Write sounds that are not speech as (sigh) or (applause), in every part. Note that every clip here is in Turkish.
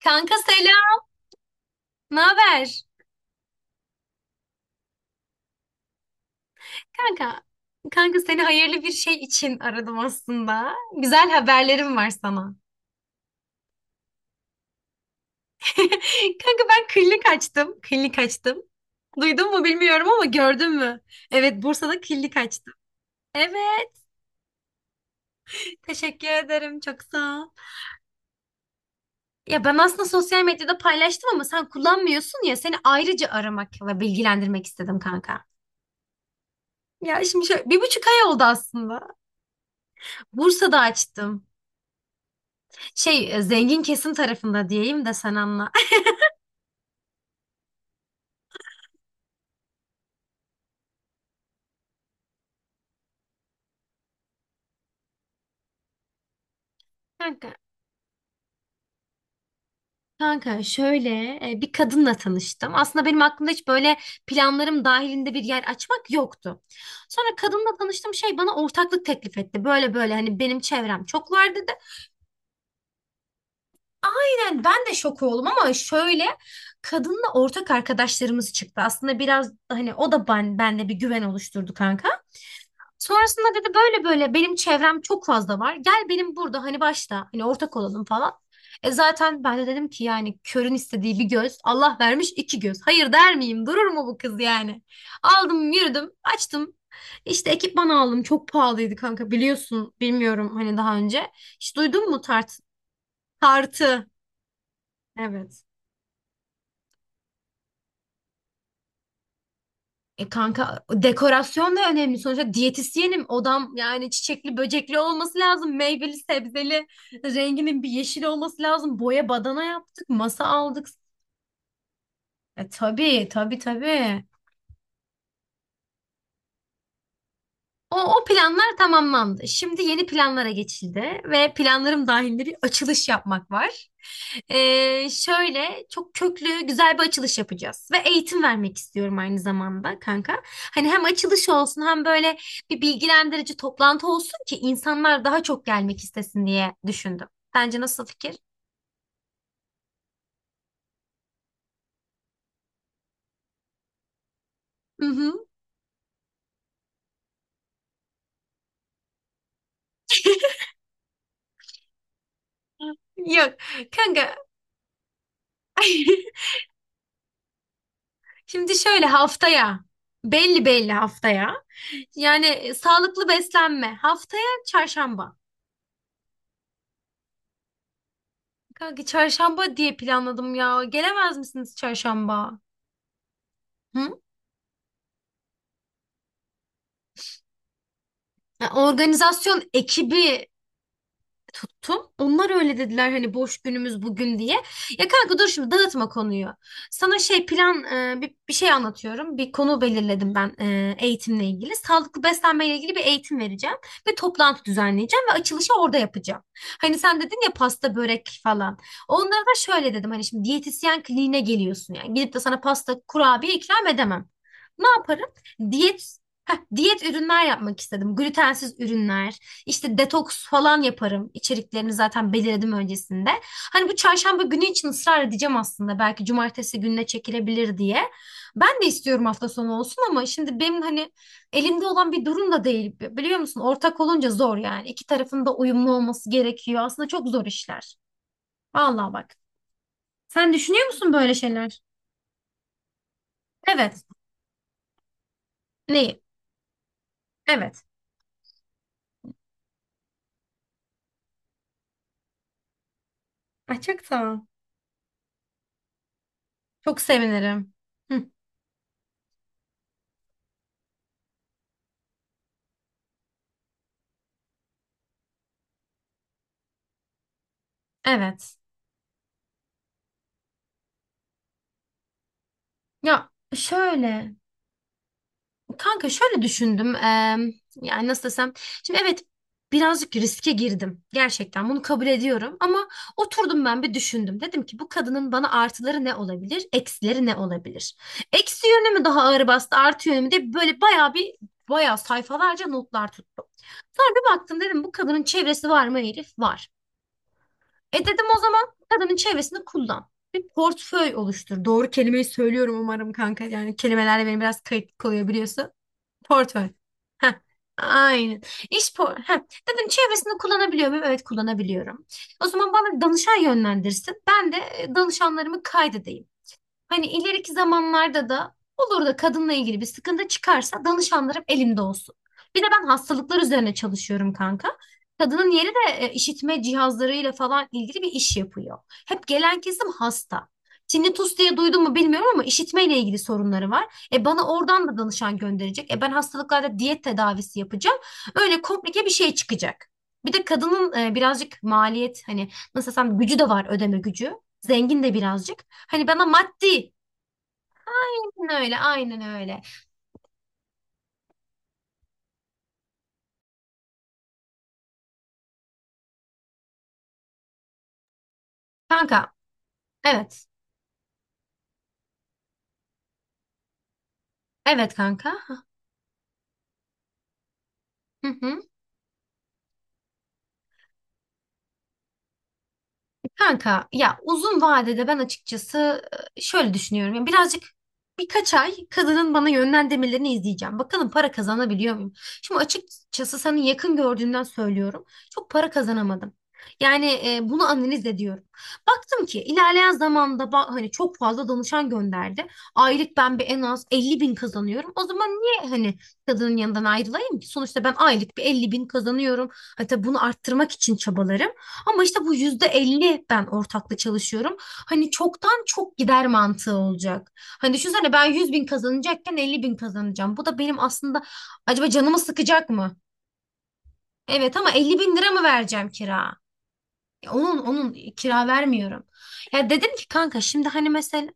Kanka selam. Ne haber? Kanka, kanka seni hayırlı bir şey için aradım aslında. Güzel haberlerim var sana. (laughs) Kanka ben klinik açtım. Klinik açtım. Duydun mu bilmiyorum ama gördün mü? Evet, Bursa'da klinik açtım. Evet, teşekkür ederim. Çok sağ ol. Ya ben aslında sosyal medyada paylaştım ama sen kullanmıyorsun ya. Seni ayrıca aramak ve bilgilendirmek istedim kanka. Ya şimdi şöyle 1,5 ay oldu aslında. Bursa'da açtım. Şey zengin kesim tarafında diyeyim de sen anla. (laughs) Kanka, kanka şöyle bir kadınla tanıştım. Aslında benim aklımda hiç böyle planlarım dahilinde bir yer açmak yoktu. Sonra kadınla tanıştım şey bana ortaklık teklif etti. Böyle böyle hani benim çevrem çok var dedi. Yani ben de şok oldum ama şöyle kadınla ortak arkadaşlarımız çıktı. Aslında biraz hani o da bende bir güven oluşturdu kanka. Sonrasında dedi böyle böyle benim çevrem çok fazla var. Gel benim burada hani başta hani ortak olalım falan. E zaten ben de dedim ki yani körün istediği bir göz Allah vermiş iki göz. Hayır der miyim? Durur mu bu kız yani? Aldım yürüdüm açtım. İşte ekipman aldım çok pahalıydı kanka biliyorsun bilmiyorum hani daha önce. Hiç duydun mu tartı? Evet. E kanka dekorasyon da önemli. Sonuçta diyetisyenim. Odam yani çiçekli böcekli olması lazım. Meyveli sebzeli renginin bir yeşil olması lazım. Boya badana yaptık. Masa aldık. E tabii tabii tabii. O planlar tamamlandı. Şimdi yeni planlara geçildi ve planlarım dahilinde bir açılış yapmak var. Şöyle çok köklü güzel bir açılış yapacağız ve eğitim vermek istiyorum aynı zamanda kanka. Hani hem açılış olsun hem böyle bir bilgilendirici toplantı olsun ki insanlar daha çok gelmek istesin diye düşündüm. Bence nasıl fikir? Hı hı. Yok kanka. (laughs) Şimdi şöyle haftaya belli belli haftaya. Yani sağlıklı beslenme. Haftaya çarşamba. Kanka çarşamba diye planladım ya. Gelemez misiniz çarşamba? Hı? Ya, organizasyon ekibi tuttum. Onlar öyle dediler hani boş günümüz bugün diye. Ya kanka dur şimdi dağıtma konuyu. Sana şey plan bir şey anlatıyorum. Bir konu belirledim ben eğitimle ilgili. Sağlıklı beslenmeyle ilgili bir eğitim vereceğim ve toplantı düzenleyeceğim ve açılışı orada yapacağım. Hani sen dedin ya pasta börek falan. Onlara da şöyle dedim hani şimdi diyetisyen kliniğine geliyorsun yani. Gidip de sana pasta kurabiye ikram edemem. Ne yaparım? Diyet Heh, diyet ürünler yapmak istedim. Glutensiz ürünler, işte detoks falan yaparım. İçeriklerini zaten belirledim öncesinde. Hani bu çarşamba günü için ısrar edeceğim aslında. Belki cumartesi gününe çekilebilir diye. Ben de istiyorum hafta sonu olsun ama şimdi benim hani elimde olan bir durum da değil. Biliyor musun? Ortak olunca zor yani. İki tarafın da uyumlu olması gerekiyor. Aslında çok zor işler. Vallahi bak. Sen düşünüyor musun böyle şeyler? Evet. Neyi? Evet. Ay çok sağ ol. Çok sevinirim. Hı, evet. Ya şöyle. Kanka şöyle düşündüm. Yani nasıl desem. Şimdi evet birazcık riske girdim. Gerçekten bunu kabul ediyorum. Ama oturdum ben bir düşündüm. Dedim ki bu kadının bana artıları ne olabilir? Eksileri ne olabilir? Eksi yönü mü daha ağır bastı? Artı yönü mü diye böyle bayağı sayfalarca notlar tuttum. Sonra bir baktım dedim bu kadının çevresi var mı Elif? Var. E dedim o zaman kadının çevresini kullan. Bir portföy oluştur. Doğru kelimeyi söylüyorum umarım kanka. Yani kelimelerle benim biraz kayıt oluyor biliyorsun. Portföy. Heh, aynen. İş por Heh. Dedim çevresinde kullanabiliyor muyum? Evet kullanabiliyorum. O zaman bana danışan yönlendirsin. Ben de danışanlarımı kaydedeyim. Hani ileriki zamanlarda da olur da kadınla ilgili bir sıkıntı çıkarsa danışanlarım elimde olsun. Bir de ben hastalıklar üzerine çalışıyorum kanka. Kadının yeri de işitme cihazlarıyla falan ilgili bir iş yapıyor. Hep gelen kesim hasta. Tinnitus diye duydun mu bilmiyorum ama işitmeyle ilgili sorunları var. E bana oradan da danışan gönderecek. E ben hastalıklarda diyet tedavisi yapacağım. Öyle komplike bir şey çıkacak. Bir de kadının birazcık maliyet hani nasıl desem gücü de var ödeme gücü. Zengin de birazcık. Hani bana maddi. Aynen öyle, aynen öyle. Kanka, evet. Evet kanka. Hı hı. Kanka ya uzun vadede ben açıkçası şöyle düşünüyorum. Yani birazcık birkaç ay kadının bana yönlendirmelerini izleyeceğim. Bakalım para kazanabiliyor muyum? Şimdi açıkçası senin yakın gördüğümden söylüyorum. Çok para kazanamadım. Yani bunu analiz ediyorum. Baktım ki ilerleyen zamanda hani çok fazla danışan gönderdi. Aylık ben bir en az 50 bin kazanıyorum. O zaman niye hani kadının yanından ayrılayım ki? Sonuçta ben aylık bir 50 bin kazanıyorum. Hatta bunu arttırmak için çabalarım. Ama işte bu %50 ben ortakla çalışıyorum. Hani çoktan çok gider mantığı olacak. Hani düşünsene ben 100 bin kazanacakken 50 bin kazanacağım. Bu da benim aslında acaba canımı sıkacak mı? Evet ama 50 bin lira mı vereceğim kira? Ya onun kira vermiyorum. Ya dedim ki kanka şimdi hani mesela.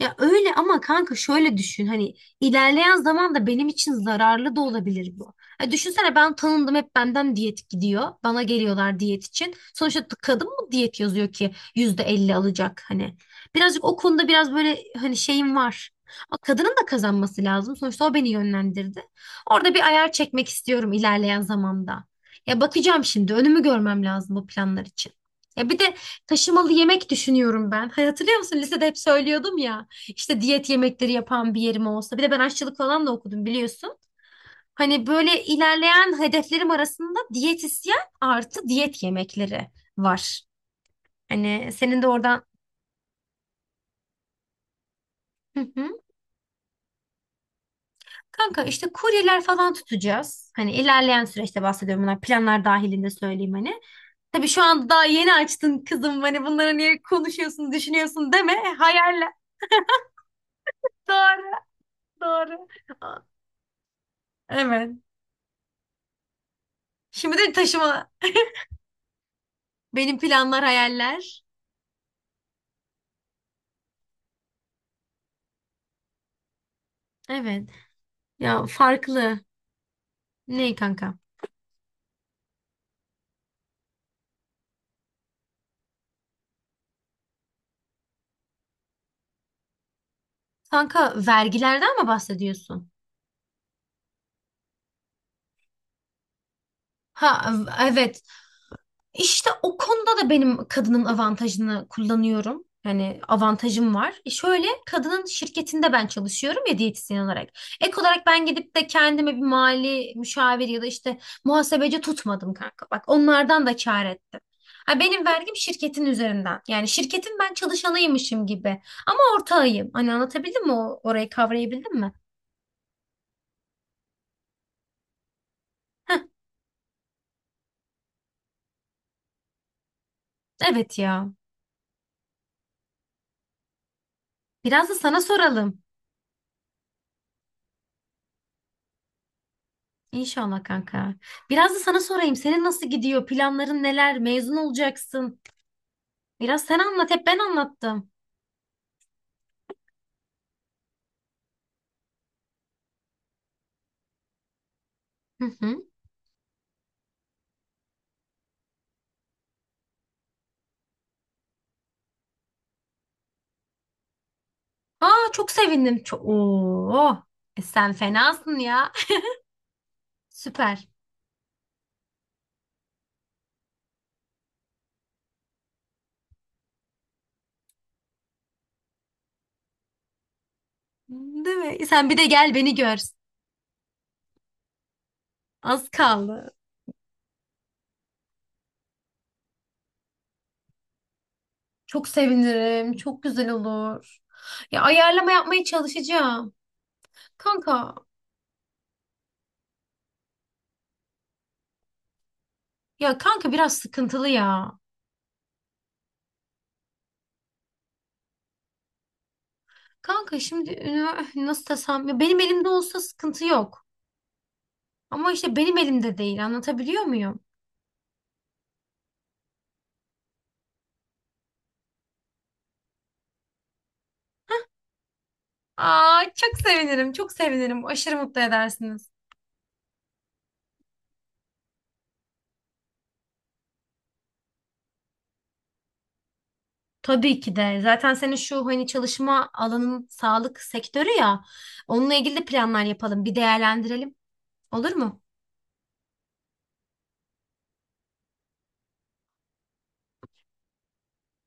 Ya öyle ama kanka şöyle düşün hani ilerleyen zaman da benim için zararlı da olabilir bu. Ya düşünsene ben tanındım hep benden diyet gidiyor. Bana geliyorlar diyet için. Sonuçta kadın mı diyet yazıyor ki %50 alacak hani. Birazcık o konuda biraz böyle hani şeyim var. Ama kadının da kazanması lazım. Sonuçta o beni yönlendirdi. Orada bir ayar çekmek istiyorum ilerleyen zamanda. Ya bakacağım şimdi önümü görmem lazım bu planlar için. Ya bir de taşımalı yemek düşünüyorum ben. (laughs) Hatırlıyor musun? Lisede hep söylüyordum ya. İşte diyet yemekleri yapan bir yerim olsa. Bir de ben aşçılık falan da okudum biliyorsun. Hani böyle ilerleyen hedeflerim arasında diyetisyen artı diyet yemekleri var. Hani senin de oradan. Hı hı. Kanka işte kuryeler falan tutacağız. Hani ilerleyen süreçte bahsediyorum bunlar planlar dahilinde söyleyeyim hani. Tabii şu anda daha yeni açtın kızım hani bunları niye konuşuyorsun düşünüyorsun deme hayaller. Doğru doğru. Evet. Şimdi de taşıma benim planlar hayaller. Evet. Ya farklı. Ne kanka? Kanka vergilerden mi bahsediyorsun? Ha evet. İşte o konuda da benim kadının avantajını kullanıyorum. Yani avantajım var. E şöyle kadının şirketinde ben çalışıyorum ya diyetisyen olarak. Ek olarak ben gidip de kendime bir mali müşavir ya da işte muhasebeci tutmadım kanka. Bak onlardan da kâr ettim. Ha, benim vergim şirketin üzerinden. Yani şirketin ben çalışanıymışım gibi. Ama ortağıyım. Hani anlatabildim mi? Orayı kavrayabildim mi? Evet ya. Biraz da sana soralım. İnşallah kanka. Biraz da sana sorayım. Senin nasıl gidiyor? Planların neler? Mezun olacaksın. Biraz sen anlat. Hep ben anlattım. Hı hı. Aa çok sevindim. Çok... Oo. E sen fenasın ya. (laughs) Süper. Değil mi? E, sen bir de gel beni gör. Az kaldı. Çok sevinirim. Çok güzel olur. Ya ayarlama yapmaya çalışacağım. Kanka. Ya kanka biraz sıkıntılı ya. Kanka şimdi nasıl desem ya benim elimde olsa sıkıntı yok. Ama işte benim elimde değil anlatabiliyor muyum? Aa çok sevinirim çok sevinirim aşırı mutlu edersiniz. Tabii ki de zaten senin şu hani çalışma alanın sağlık sektörü ya onunla ilgili de planlar yapalım bir değerlendirelim olur mu?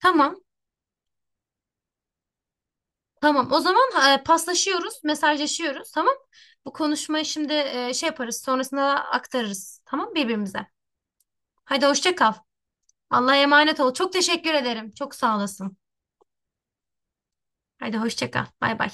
Tamam tamam o zaman paslaşıyoruz mesajlaşıyoruz tamam. Bu konuşmayı şimdi şey yaparız sonrasında aktarırız tamam birbirimize. Hadi hoşça kal. Allah'a emanet ol. Çok teşekkür ederim. Çok sağ olasın. Hadi hoşça kal. Bay bay.